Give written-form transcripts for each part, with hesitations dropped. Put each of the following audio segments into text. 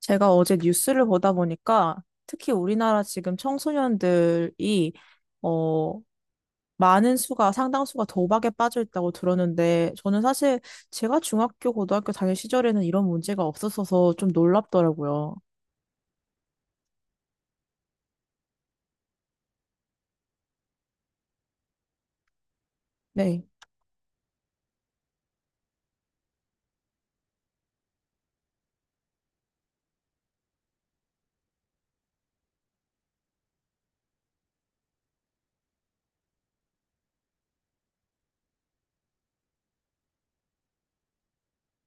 제가 어제 뉴스를 보다 보니까 특히 우리나라 지금 청소년들이 어 많은 수가 상당수가 도박에 빠져 있다고 들었는데 저는 사실 제가 중학교 고등학교 다닐 시절에는 이런 문제가 없었어서 좀 놀랍더라고요. 네.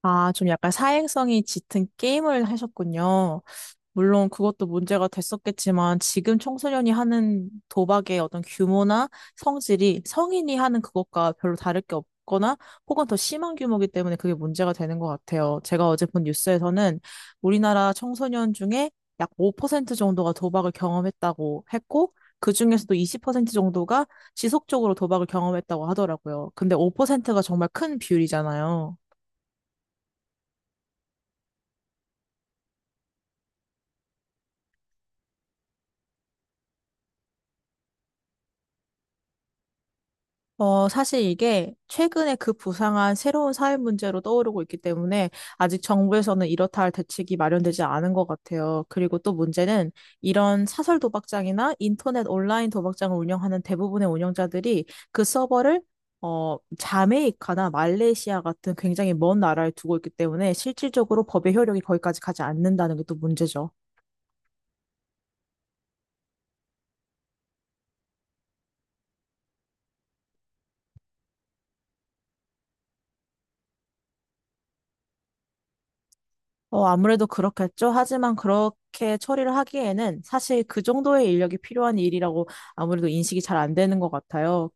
아, 좀 약간 사행성이 짙은 게임을 하셨군요. 물론 그것도 문제가 됐었겠지만 지금 청소년이 하는 도박의 어떤 규모나 성질이 성인이 하는 그것과 별로 다를 게 없거나 혹은 더 심한 규모이기 때문에 그게 문제가 되는 것 같아요. 제가 어제 본 뉴스에서는 우리나라 청소년 중에 약 5% 정도가 도박을 경험했다고 했고 그중에서도 20% 정도가 지속적으로 도박을 경험했다고 하더라고요. 근데 5%가 정말 큰 비율이잖아요. 사실 이게 최근에 그 부상한 새로운 사회 문제로 떠오르고 있기 때문에 아직 정부에서는 이렇다 할 대책이 마련되지 않은 것 같아요. 그리고 또 문제는 이런 사설 도박장이나 인터넷 온라인 도박장을 운영하는 대부분의 운영자들이 그 서버를 자메이카나 말레이시아 같은 굉장히 먼 나라에 두고 있기 때문에 실질적으로 법의 효력이 거기까지 가지 않는다는 게 또 문제죠. 아무래도 그렇겠죠. 하지만 그렇게 처리를 하기에는 사실 그 정도의 인력이 필요한 일이라고 아무래도 인식이 잘 안 되는 것 같아요.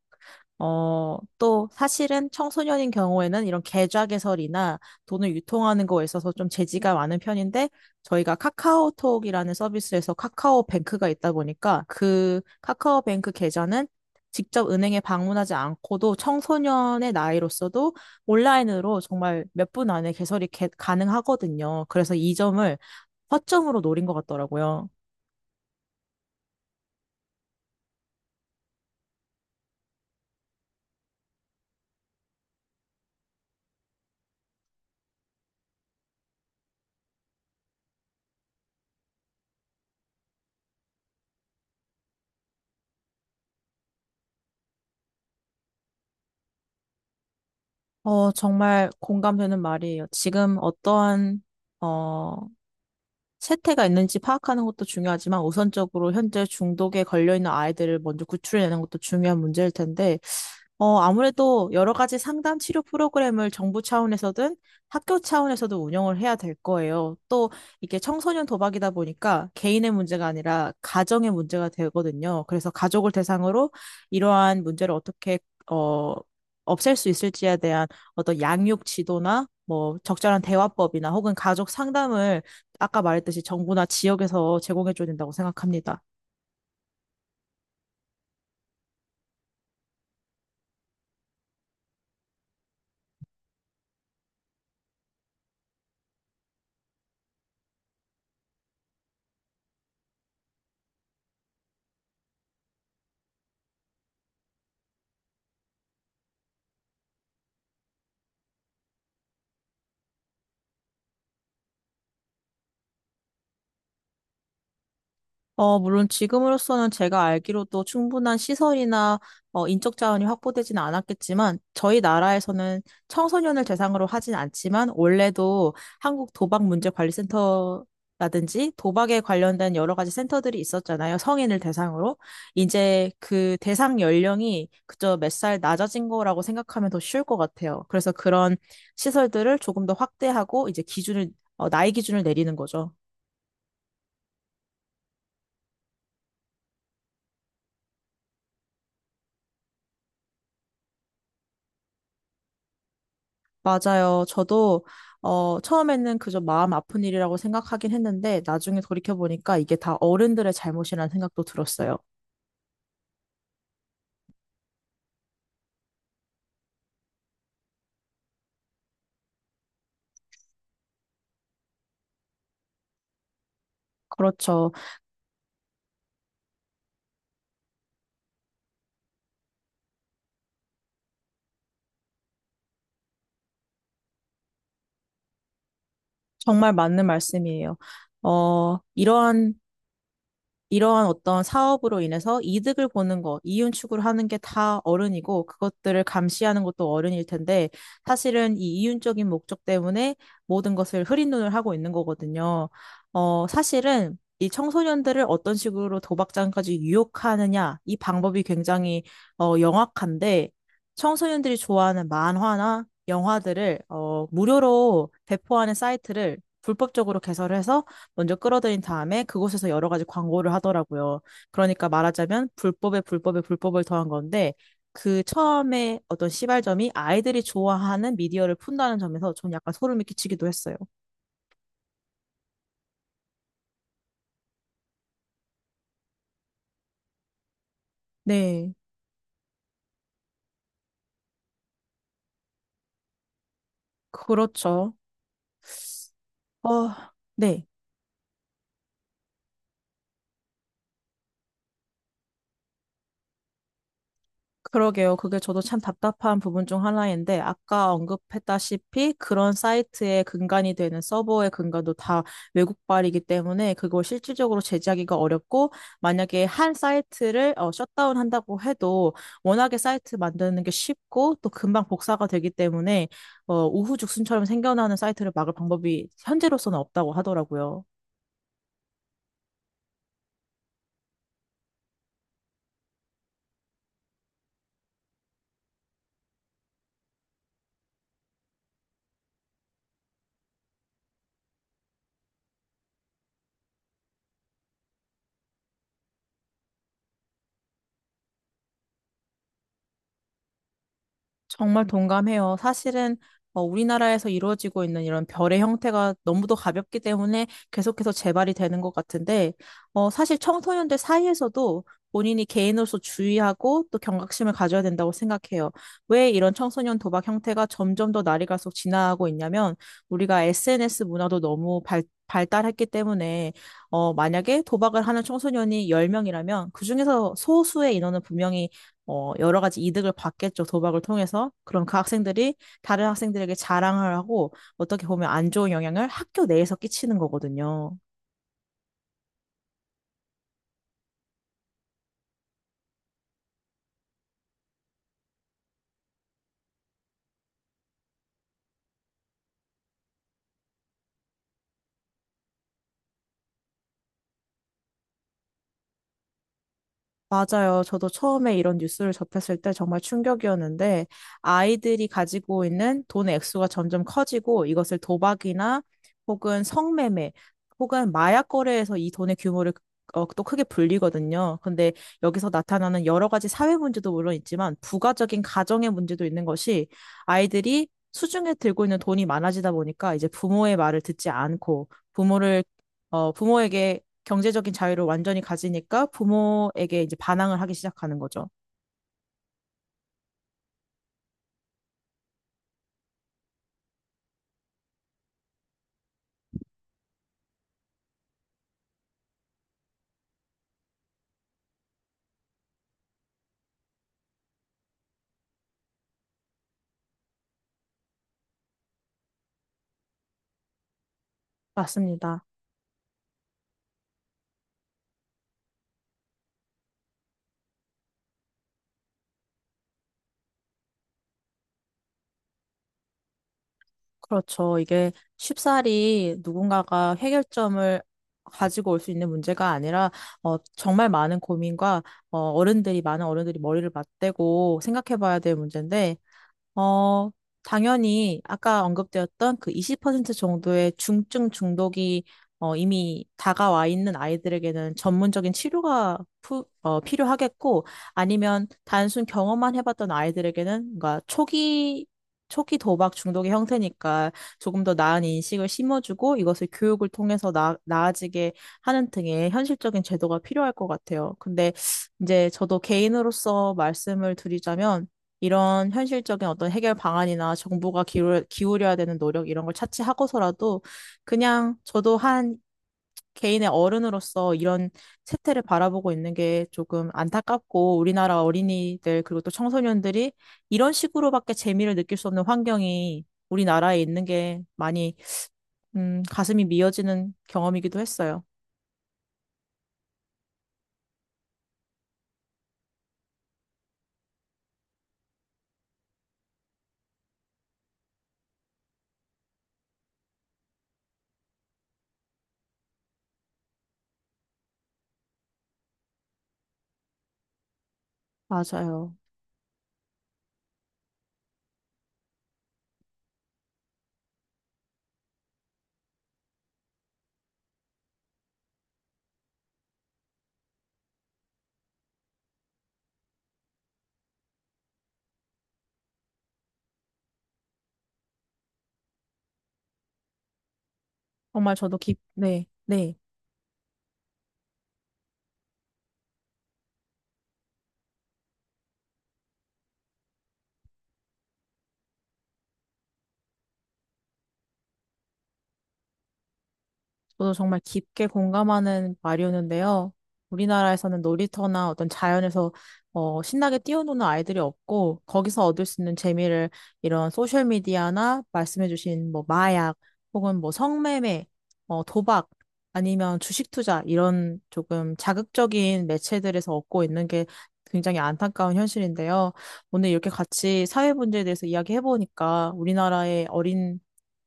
또 사실은 청소년인 경우에는 이런 계좌 개설이나 돈을 유통하는 거에 있어서 좀 제지가 많은 편인데 저희가 카카오톡이라는 서비스에서 카카오뱅크가 있다 보니까 그 카카오뱅크 계좌는 직접 은행에 방문하지 않고도 청소년의 나이로서도 온라인으로 정말 몇 분 안에 개설이 가능하거든요. 그래서 이 점을 허점으로 노린 것 같더라고요. 정말 공감되는 말이에요. 지금 어떠한, 어, 세태가 있는지 파악하는 것도 중요하지만 우선적으로 현재 중독에 걸려있는 아이들을 먼저 구출해내는 것도 중요한 문제일 텐데 아무래도 여러 가지 상담 치료 프로그램을 정부 차원에서든 학교 차원에서도 운영을 해야 될 거예요. 또 이게 청소년 도박이다 보니까 개인의 문제가 아니라 가정의 문제가 되거든요. 그래서 가족을 대상으로 이러한 문제를 어떻게 어, 없앨 수 있을지에 대한 어떤 양육 지도나 뭐 적절한 대화법이나 혹은 가족 상담을 아까 말했듯이 정부나 지역에서 제공해 줘야 된다고 생각합니다. 물론 지금으로서는 제가 알기로도 충분한 시설이나 인적 자원이 확보되지는 않았겠지만 저희 나라에서는 청소년을 대상으로 하진 않지만 원래도 한국 도박 문제 관리 센터라든지 도박에 관련된 여러 가지 센터들이 있었잖아요. 성인을 대상으로. 이제 그 대상 연령이 그저 몇 살 낮아진 거라고 생각하면 더 쉬울 것 같아요. 그래서 그런 시설들을 조금 더 확대하고 이제 나이 기준을 내리는 거죠. 맞아요. 저도 처음에는 그저 마음 아픈 일이라고 생각하긴 했는데 나중에 돌이켜보니까 이게 다 어른들의 잘못이라는 생각도 들었어요. 그렇죠. 정말 맞는 말씀이에요. 어, 이러한 이러한 어떤 사업으로 인해서 이득을 보는 것, 이윤 추구를 하는 게 다 어른이고 그것들을 감시하는 것도 어른일 텐데 사실은 이 이윤적인 목적 때문에 모든 것을 흐린 눈을 하고 있는 거거든요. 사실은 이 청소년들을 어떤 식으로 도박장까지 유혹하느냐, 이 방법이 굉장히 영악한데 청소년들이 좋아하는 만화나 영화들을 무료로 배포하는 사이트를 불법적으로 개설해서 먼저 끌어들인 다음에 그곳에서 여러 가지 광고를 하더라고요. 그러니까 말하자면 불법에 불법에 불법을 더한 건데 그 처음에 어떤 시발점이 아이들이 좋아하는 미디어를 푼다는 점에서 전 약간 소름이 끼치기도 했어요. 네, 그렇죠. 어, 네. 그러게요. 그게 저도 참 답답한 부분 중 하나인데, 아까 언급했다시피 그런 사이트의 근간이 되는 서버의 근간도 다 외국발이기 때문에 그걸 실질적으로 제재하기가 어렵고, 만약에 한 사이트를 셧다운 한다고 해도 워낙에 사이트 만드는 게 쉽고 또 금방 복사가 되기 때문에 우후죽순처럼 생겨나는 사이트를 막을 방법이 현재로서는 없다고 하더라고요. 정말 동감해요. 사실은 우리나라에서 이루어지고 있는 이런 별의 형태가 너무도 가볍기 때문에 계속해서 재발이 되는 것 같은데, 사실 청소년들 사이에서도 본인이 개인으로서 주의하고 또 경각심을 가져야 된다고 생각해요. 왜 이런 청소년 도박 형태가 점점 더 날이 갈수록 진화하고 있냐면, 우리가 SNS 문화도 너무 발달했기 때문에, 만약에 도박을 하는 청소년이 10명이라면, 그중에서 소수의 인원은 분명히 여러 가지 이득을 받겠죠, 도박을 통해서. 그럼 그 학생들이 다른 학생들에게 자랑을 하고 어떻게 보면 안 좋은 영향을 학교 내에서 끼치는 거거든요. 맞아요. 저도 처음에 이런 뉴스를 접했을 때 정말 충격이었는데, 아이들이 가지고 있는 돈의 액수가 점점 커지고, 이것을 도박이나 혹은 성매매, 혹은 마약 거래에서 이 돈의 규모를 또 크게 불리거든요. 근데 여기서 나타나는 여러 가지 사회 문제도 물론 있지만, 부가적인 가정의 문제도 있는 것이 아이들이 수중에 들고 있는 돈이 많아지다 보니까 이제 부모의 말을 듣지 않고, 부모에게 경제적인 자유를 완전히 가지니까 부모에게 이제 반항을 하기 시작하는 거죠. 맞습니다. 그렇죠. 이게 쉽사리 누군가가 해결점을 가지고 올 수 있는 문제가 아니라 정말 많은 고민과 어, 어른들이 많은 어른들이 머리를 맞대고 생각해 봐야 될 문제인데 어, 당연히 아까 언급되었던 그 20% 정도의 중증 중독이 이미 다가와 있는 아이들에게는 전문적인 치료가 필요하겠고 아니면 단순 경험만 해봤던 아이들에게는 뭔가 초기 도박 중독의 형태니까 조금 더 나은 인식을 심어주고 이것을 교육을 통해서 나아지게 하는 등의 현실적인 제도가 필요할 것 같아요. 근데 이제 저도 개인으로서 말씀을 드리자면 이런 현실적인 어떤 해결 방안이나 정부가 기울여야 되는 노력 이런 걸 차치하고서라도 그냥 저도 한 개인의 어른으로서 이런 세태를 바라보고 있는 게 조금 안타깝고 우리나라 어린이들 그리고 또 청소년들이 이런 식으로밖에 재미를 느낄 수 없는 환경이 우리나라에 있는 게 많이 가슴이 미어지는 경험이기도 했어요. 맞아요. 정말 저도 네, 네. 저도 정말 깊게 공감하는 말이었는데요. 우리나라에서는 놀이터나 어떤 자연에서 신나게 뛰어노는 아이들이 없고 거기서 얻을 수 있는 재미를 이런 소셜 미디어나 말씀해주신 뭐 마약 혹은 뭐 성매매, 도박 아니면 주식 투자 이런 조금 자극적인 매체들에서 얻고 있는 게 굉장히 안타까운 현실인데요. 오늘 이렇게 같이 사회 문제에 대해서 이야기해보니까 우리나라의 어린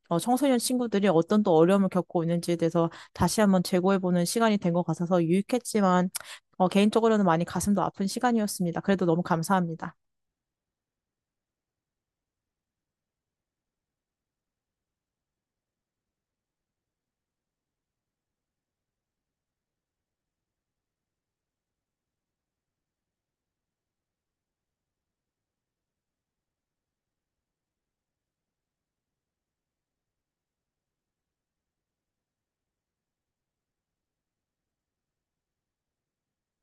청소년 친구들이 어떤 또 어려움을 겪고 있는지에 대해서 다시 한번 재고해보는 시간이 된 것 같아서 유익했지만, 개인적으로는 많이 가슴도 아픈 시간이었습니다. 그래도 너무 감사합니다.